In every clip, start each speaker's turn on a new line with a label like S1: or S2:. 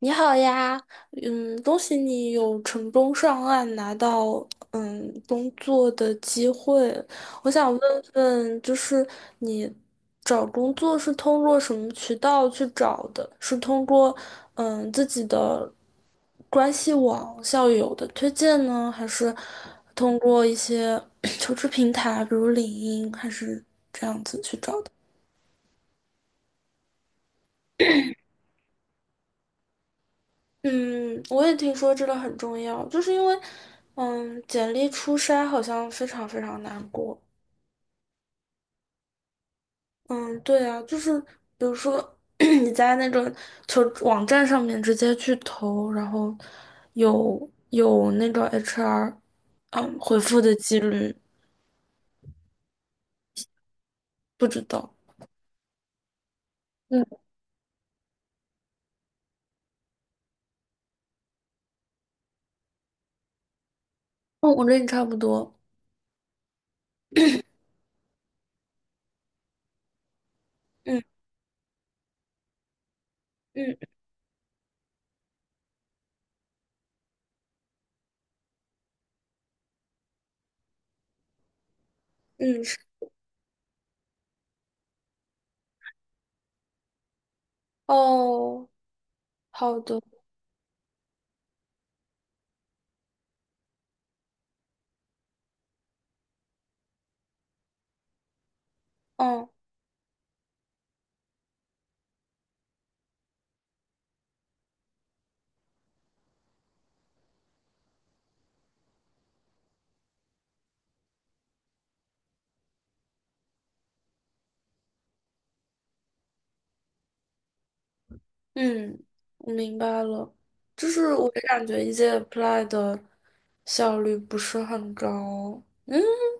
S1: 你好呀，恭喜你有成功上岸，拿到工作的机会。我想问问，就是你找工作是通过什么渠道去找的？是通过自己的关系网、校友的推荐呢，还是通过一些 求职平台，比如领英，还是这样子去找的？嗯，我也听说这个很重要，就是因为，嗯，简历初筛好像非常非常难过。嗯，对啊，就是比如说 你在那种求职网站上面直接去投，然后有那个 HR，嗯，回复的几率不知道。嗯，哦，我跟你差不多。嗯嗯嗯，是哦，好的。嗯。嗯，我明白了，就是我感觉一届 apply 的效率不是很高，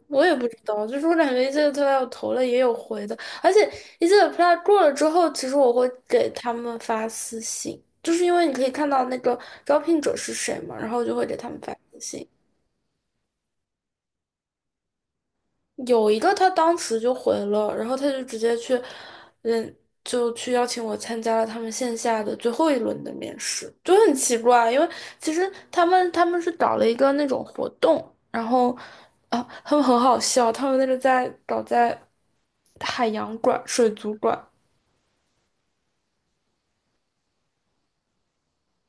S1: 我也不知道，就是我感觉一届 apply 我投了也有回的，而且一届 apply 过了之后，其实我会给他们发私信，就是因为你可以看到那个招聘者是谁嘛，然后我就会给他们发私信，有一个他当时就回了，然后他就直接去，嗯，就去邀请我参加了他们线下的最后一轮的面试，就很奇怪，因为其实他们是搞了一个那种活动，然后啊，他们很好笑，他们那个在搞在海洋馆、水族馆，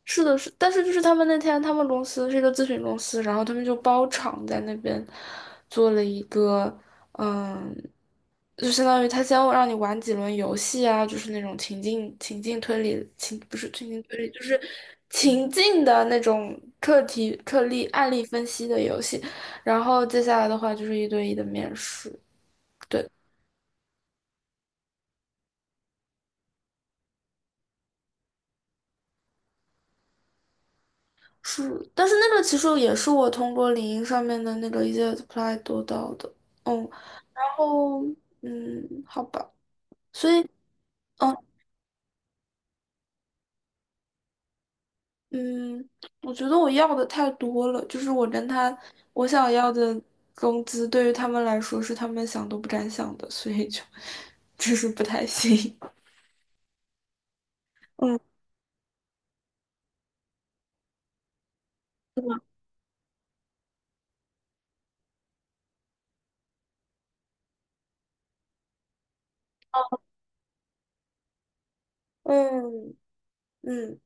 S1: 是的，是，但是就是他们那天，他们公司是一个咨询公司，然后他们就包场在那边做了一个，嗯，就相当于他先让你玩几轮游戏啊，就是那种情境情境推理情不是情境推理，就是情境的那种课题课例案例分析的游戏，然后接下来的话就是一对一的面试。是，但是那个其实也是我通过领英上面的那个一些 apply 得到的。嗯哦，嗯，好吧，所以，嗯嗯，我觉得我要的太多了，就是我跟他，我想要的工资对于他们来说是他们想都不敢想的，所以就 就是不太行。嗯，是吗？嗯嗯，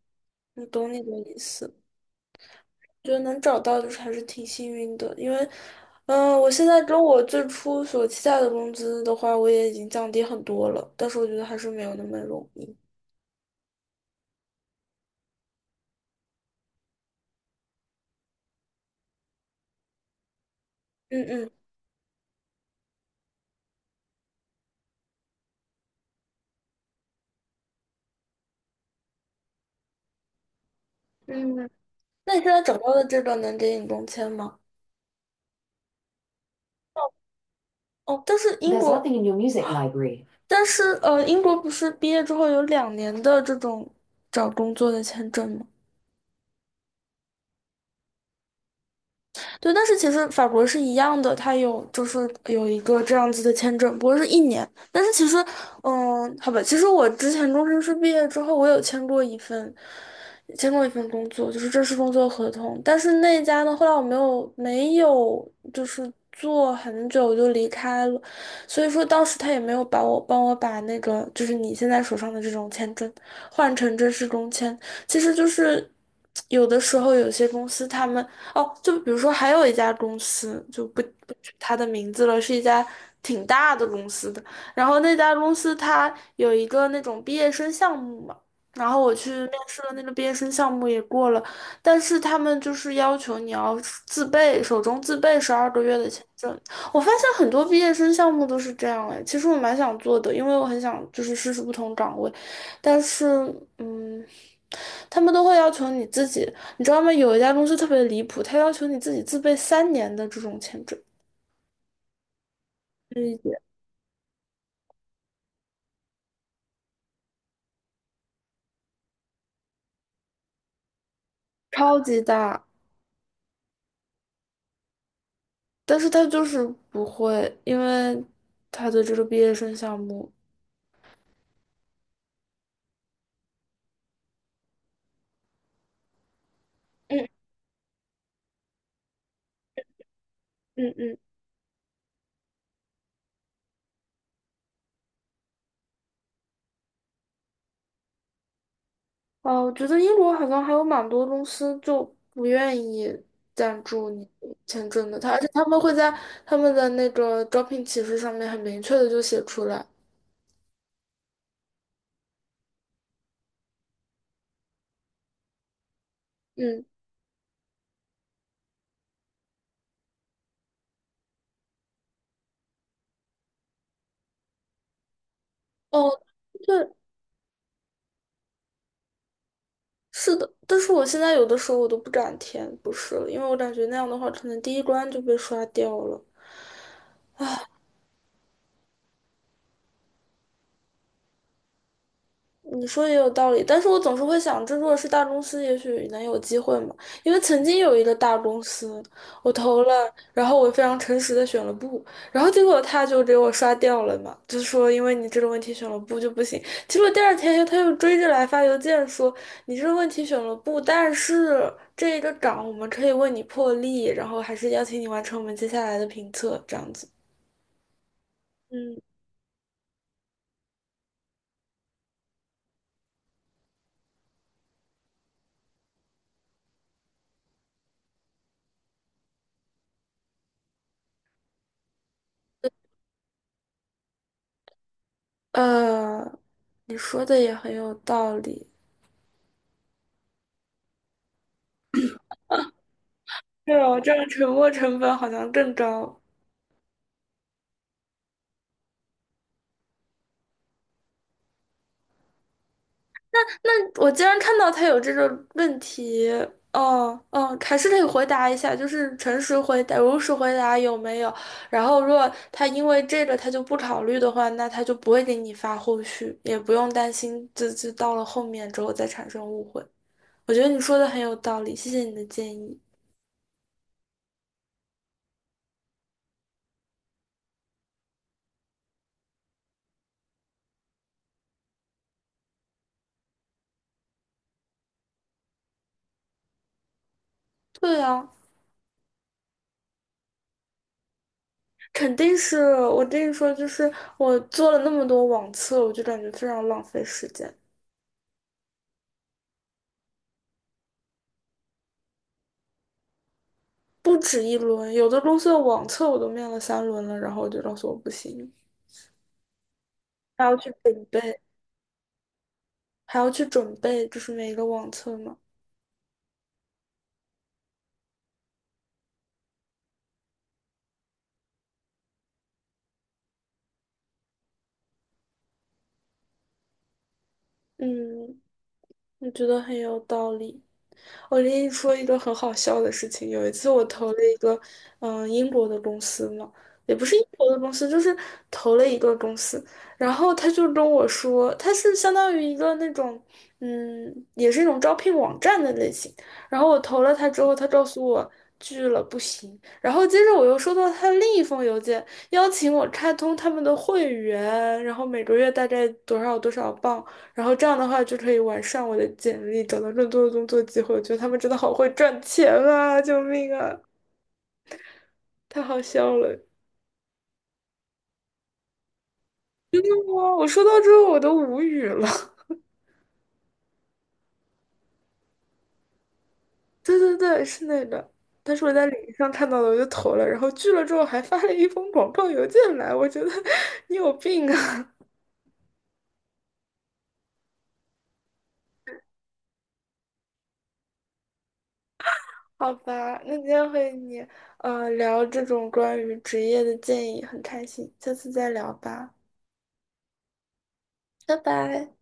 S1: 我懂你的意思，觉得能找到就是还是挺幸运的，因为，嗯，我现在跟我最初所期待的工资的话，我也已经降低很多了，但是我觉得还是没有那么容易。嗯嗯。嗯，那你现在找到的这个能给你工签吗？哦，但是英 There's 国，但是英国不是毕业之后有2年的这种找工作的签证吗？对，但是其实法国是一样的，它有就是有一个这样子的签证，不过是1年。但是其实，嗯，好吧，其实我之前中师毕业之后，我有签过一份，签过一份工作，就是正式工作合同。但是那家呢，后来我没有就是做很久我就离开了，所以说当时他也没有把我帮我把那个就是你现在手上的这种签证换成正式工签，其实就是有的时候有些公司他们。哦，就比如说还有一家公司，就不取它的名字了，是一家挺大的公司的。然后那家公司它有一个那种毕业生项目嘛，然后我去面试了那个毕业生项目也过了，但是他们就是要求你要自备，手中自备12个月的签证。我发现很多毕业生项目都是这样哎，其实我蛮想做的，因为我很想就是试试不同岗位，但是嗯。他们都会要求你自己你知道吗？有一家公司特别离谱，他要求你自己自备3年的这种签证，这一超级大，但是他就是不会，因为他的这个毕业生项目，嗯嗯嗯，哦，我觉得英国好像还有蛮多公司就不愿意赞助你签证的，他而且他们会在他们的那个招聘启事上面很明确的就写出来，嗯，哦，对，是的，但是我现在有的时候我都不敢填，不是了因为我感觉那样的话，可能第一关就被刷掉了。你说的也有道理，但是我总是会想这如果是大公司，也许能有机会嘛。因为曾经有一个大公司，我投了，然后我非常诚实的选了不，然后结果他就给我刷掉了嘛，就说因为你这个问题选了不就不行。结果第二天他又追着来发邮件说，你这个问题选了不，但是这个岗我们可以为你破例，然后还是邀请你完成我们接下来的评测，这样子。嗯，呃，你说的也很有道理。对哦，这样沉没成本好像更高。我竟然看到他有这个问题，哦哦，还是得回答一下，就是诚实回答、如实回答有没有。然后，如果他因为这个他就不考虑的话，那他就不会给你发后续，也不用担心自己到了后面之后再产生误会。我觉得你说的很有道理，谢谢你的建议。对啊，肯定是我跟你说，就是我做了那么多网测，我就感觉非常浪费时间。不止一轮，有的公司的网测我都面了3轮了，然后我就告诉我不行，还要去准备，还要去准备，就是每一个网测嘛。嗯，我觉得很有道理。我跟你说一个很好笑的事情，有一次我投了一个，嗯、英国的公司嘛，也不是英国的公司，就是投了一个公司，然后他就跟我说，他是相当于一个那种，嗯，也是一种招聘网站的类型，然后我投了他之后，他告诉我拒了，不行，然后接着我又收到他另一封邮件，邀请我开通他们的会员，然后每个月大概多少多少镑。然后这样的话就可以完善我的简历，找到更多的工作机会。我觉得他们真的好会赚钱啊！救命啊！太好笑了！哇，我说到之后我都无语了。对对对，是那个。但是我在领英上看到了，我就投了，然后拒了之后还发了一封广告邮件来，我觉得 你有病啊！好吧，那今天和你聊这种关于职业的建议很开心，下次再聊吧，拜拜。